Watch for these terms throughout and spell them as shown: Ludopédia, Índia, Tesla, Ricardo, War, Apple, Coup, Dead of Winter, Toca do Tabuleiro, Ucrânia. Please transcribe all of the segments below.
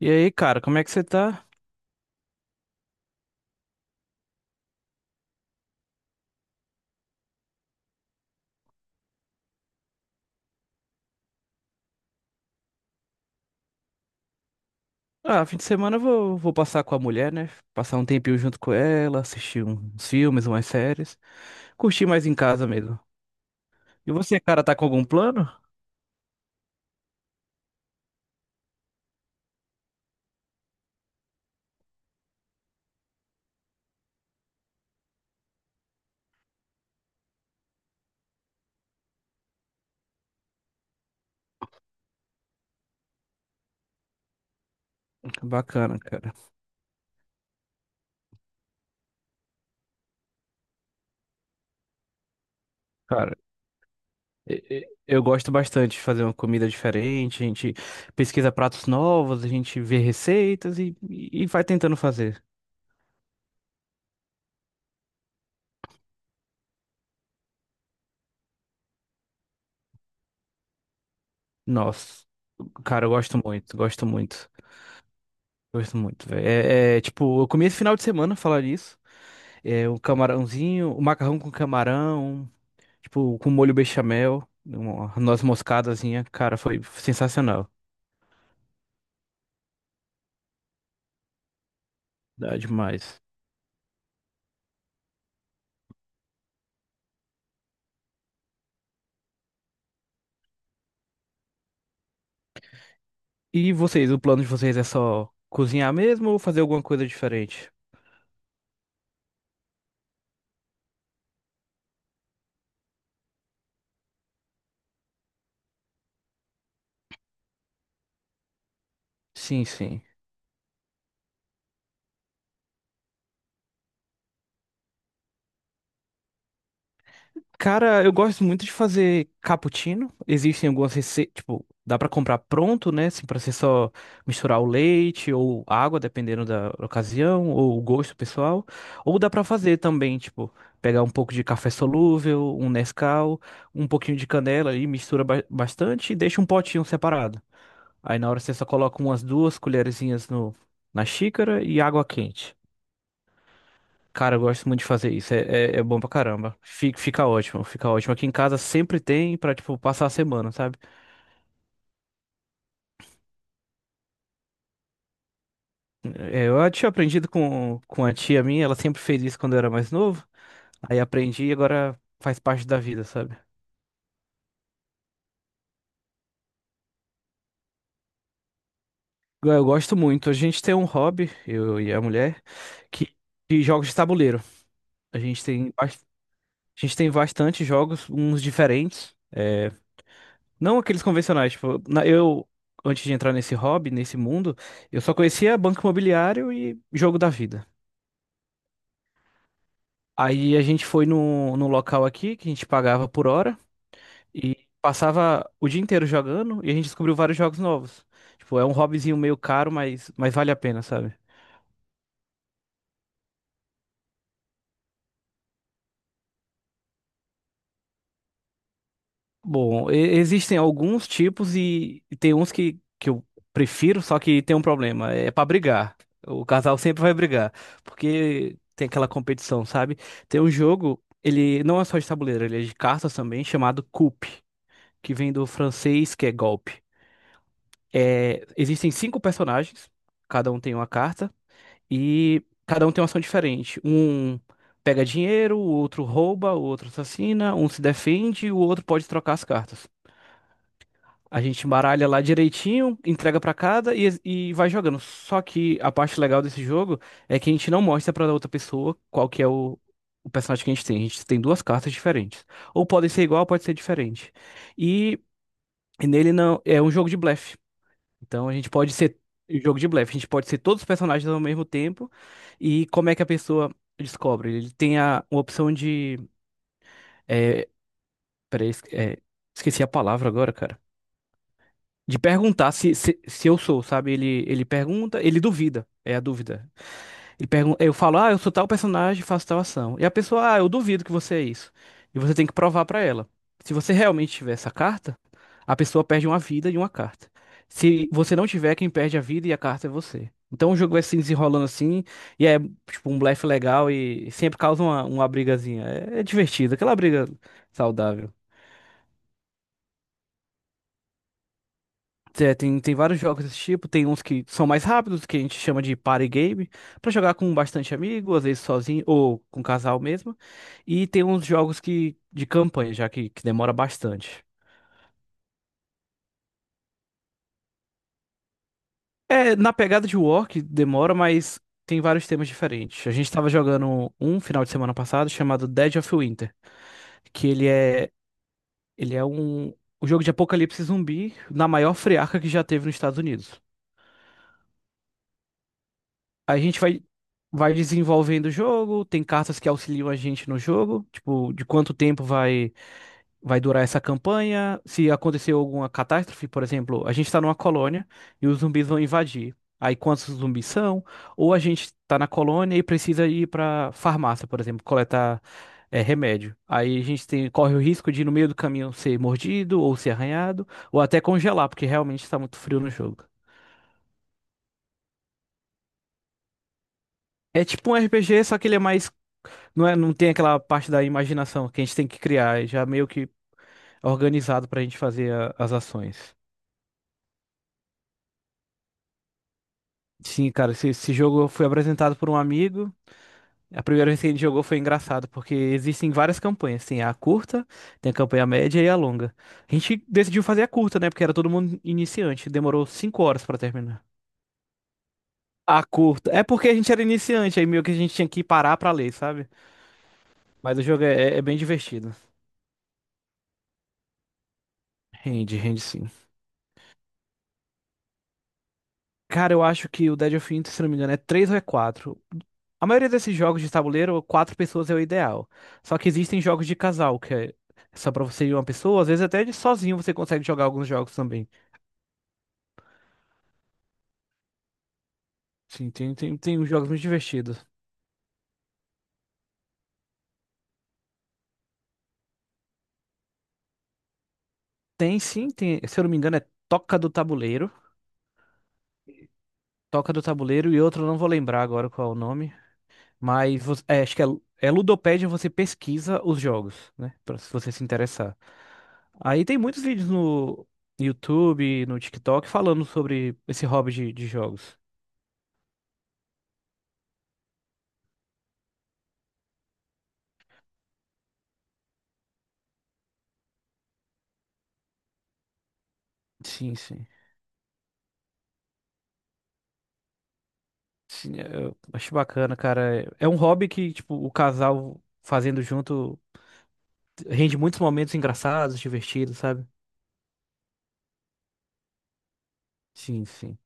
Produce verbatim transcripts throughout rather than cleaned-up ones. E aí, cara, como é que você tá? Ah, fim de semana eu vou, vou passar com a mulher, né? Passar um tempinho junto com ela, assistir uns filmes, umas séries. Curtir mais em casa mesmo. E você, cara, tá com algum plano? Bacana, cara. Cara, e- e- eu gosto bastante de fazer uma comida diferente. A gente pesquisa pratos novos, a gente vê receitas e, e e vai tentando fazer. Nossa, cara, eu gosto muito, gosto muito. Gosto muito, velho. É, é, tipo, eu comi esse final de semana, falar nisso. É, um camarãozinho, um macarrão com camarão, tipo, com molho bechamel, uma noz moscadazinha. Cara, foi sensacional. Dá demais. E vocês, o plano de vocês é só cozinhar mesmo ou fazer alguma coisa diferente? Sim, sim. Cara, eu gosto muito de fazer cappuccino. Existem algumas receitas, tipo, dá pra comprar pronto, né? Assim, pra você só misturar o leite ou água, dependendo da ocasião, ou o gosto pessoal. Ou dá pra fazer também, tipo, pegar um pouco de café solúvel, um Nescau, um pouquinho de canela ali, mistura ba- bastante e deixa um potinho separado. Aí na hora você só coloca umas duas colherzinhas no, na xícara e água quente. Cara, eu gosto muito de fazer isso. É, é, é bom pra caramba. Fica, fica ótimo, fica ótimo. Aqui em casa sempre tem pra, tipo, passar a semana, sabe? É, eu tinha aprendido com, com a tia minha, ela sempre fez isso quando eu era mais novo. Aí aprendi e agora faz parte da vida, sabe? Eu, eu gosto muito. A gente tem um hobby, eu e a mulher, que de jogos de tabuleiro. A gente tem, bas- a gente tem bastante jogos, uns diferentes. É, não aqueles convencionais, tipo, na- eu, antes de entrar nesse hobby, nesse mundo, eu só conhecia banco imobiliário e jogo da vida. Aí a gente foi num num local aqui que a gente pagava por hora e passava o dia inteiro jogando, e a gente descobriu vários jogos novos. Tipo, é um hobbyzinho meio caro, mas, mas vale a pena, sabe? Bom, e- existem alguns tipos, e, e tem uns que, que eu prefiro, só que tem um problema: é pra brigar. O casal sempre vai brigar, porque tem aquela competição, sabe? Tem um jogo, ele não é só de tabuleiro, ele é de cartas também, chamado Coup, que vem do francês, que é golpe. É, existem cinco personagens, cada um tem uma carta, e cada um tem uma ação diferente. Um pega dinheiro, o outro rouba, o outro assassina, um se defende, o outro pode trocar as cartas. A gente embaralha lá direitinho, entrega pra cada e, e vai jogando. Só que a parte legal desse jogo é que a gente não mostra pra outra pessoa qual que é o, o personagem que a gente tem. A gente tem duas cartas diferentes. Ou podem ser igual, pode ser diferente. E, e nele não é um jogo de blefe. Então a gente pode ser um jogo de blefe, a gente pode ser todos os personagens ao mesmo tempo. E como é que a pessoa descobre? Ele tem a, uma opção de é, peraí, es- é, esqueci a palavra agora, cara. De perguntar se, se, se eu sou, sabe? Ele, ele pergunta, ele duvida, é a dúvida. Ele pergunta, eu falo, ah, eu sou tal personagem, faço tal ação. E a pessoa, ah, eu duvido que você é isso. E você tem que provar pra ela. Se você realmente tiver essa carta, a pessoa perde uma vida e uma carta. Se você não tiver, quem perde a vida e a carta é você. Então o jogo vai se desenrolando assim, e é tipo um blefe legal, e sempre causa uma, uma brigazinha. É, é divertido, aquela briga saudável. É, tem, tem vários jogos desse tipo, tem uns que são mais rápidos, que a gente chama de party game, pra jogar com bastante amigo, às vezes sozinho ou com casal mesmo. E tem uns jogos que de campanha, já que, que demora bastante. É, na pegada de War, que demora, mas tem vários temas diferentes. A gente tava jogando um final de semana passado chamado Dead of Winter, que ele é ele é um um jogo de apocalipse zumbi na maior friarca que já teve nos Estados Unidos. A gente vai, vai desenvolvendo o jogo, tem cartas que auxiliam a gente no jogo, tipo, de quanto tempo vai, vai durar essa campanha, se aconteceu alguma catástrofe. Por exemplo, a gente tá numa colônia e os zumbis vão invadir. Aí quantos zumbis são? Ou a gente tá na colônia e precisa ir pra farmácia, por exemplo, coletar, é, remédio. Aí a gente tem, corre o risco de no meio do caminho ser mordido ou ser arranhado, ou até congelar, porque realmente tá muito frio no jogo. É tipo um R P G, só que ele é mais, não é, não tem aquela parte da imaginação que a gente tem que criar, é já meio que organizado pra gente fazer a- as ações. Sim, cara, esse, esse jogo foi apresentado por um amigo. A primeira vez que a gente jogou foi engraçado, porque existem várias campanhas. Tem a curta, tem a campanha média e a longa. A gente decidiu fazer a curta, né? Porque era todo mundo iniciante. Demorou cinco horas pra terminar. A curta. É porque a gente era iniciante, aí meio que a gente tinha que parar pra ler, sabe? Mas o jogo é, é é bem divertido. Rende, rende sim. Cara, eu acho que o Dead of Winter, se não me engano, é três ou é quatro. A maioria desses jogos de tabuleiro, quatro pessoas é o ideal. Só que existem jogos de casal, que é só pra você e uma pessoa, às vezes até de sozinho você consegue jogar alguns jogos também. Sim, tem, tem, tem uns jogos muito divertidos. Tem sim, tem, se eu não me engano, é Toca do Tabuleiro. Toca do Tabuleiro, e outro eu não vou lembrar agora qual é o nome. Mas vo- é, acho que é, é Ludopédia. Você pesquisa os jogos, né? Pra, se você se interessar. Aí tem muitos vídeos no YouTube, no TikTok, falando sobre esse hobby de, de jogos. Sim, sim. Sim, eu acho bacana, cara. É é um hobby que, tipo, o casal fazendo junto rende muitos momentos engraçados, divertidos, sabe? Sim, sim.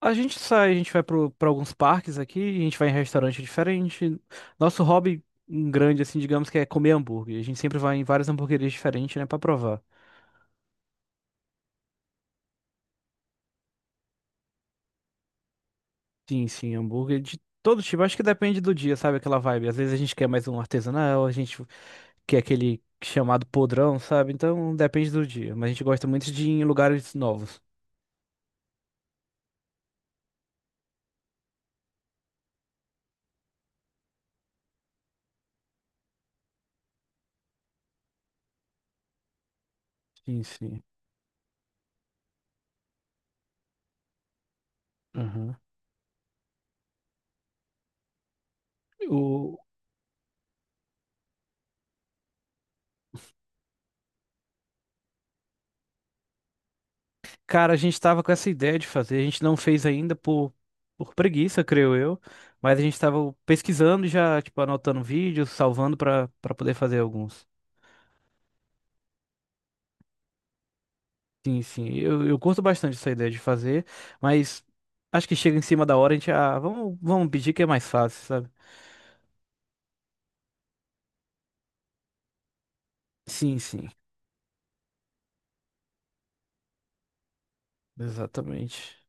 A gente sai, a gente vai pro- pra alguns parques aqui, a gente vai em restaurante diferente. Nosso hobby grande, assim, digamos que é comer hambúrguer. A gente sempre vai em várias hamburguerias diferentes, né, pra provar. Sim, sim, hambúrguer de todo tipo. Acho que depende do dia, sabe, aquela vibe. Às vezes a gente quer mais um artesanal, a gente quer aquele chamado podrão, sabe? Então depende do dia. Mas a gente gosta muito de ir em lugares novos. Sim, sim. Aham. Cara, a gente estava com essa ideia de fazer, a gente não fez ainda por, por preguiça, creio eu, mas a gente estava pesquisando e já, tipo, anotando vídeos, salvando para para poder fazer alguns. Sim, sim, eu, eu curto bastante essa ideia de fazer, mas acho que chega em cima da hora, a gente, ah, vamos, vamos pedir que é mais fácil, sabe? Sim, sim, exatamente.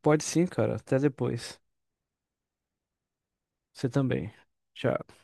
Pode sim, cara, até depois. Você também. Tchau.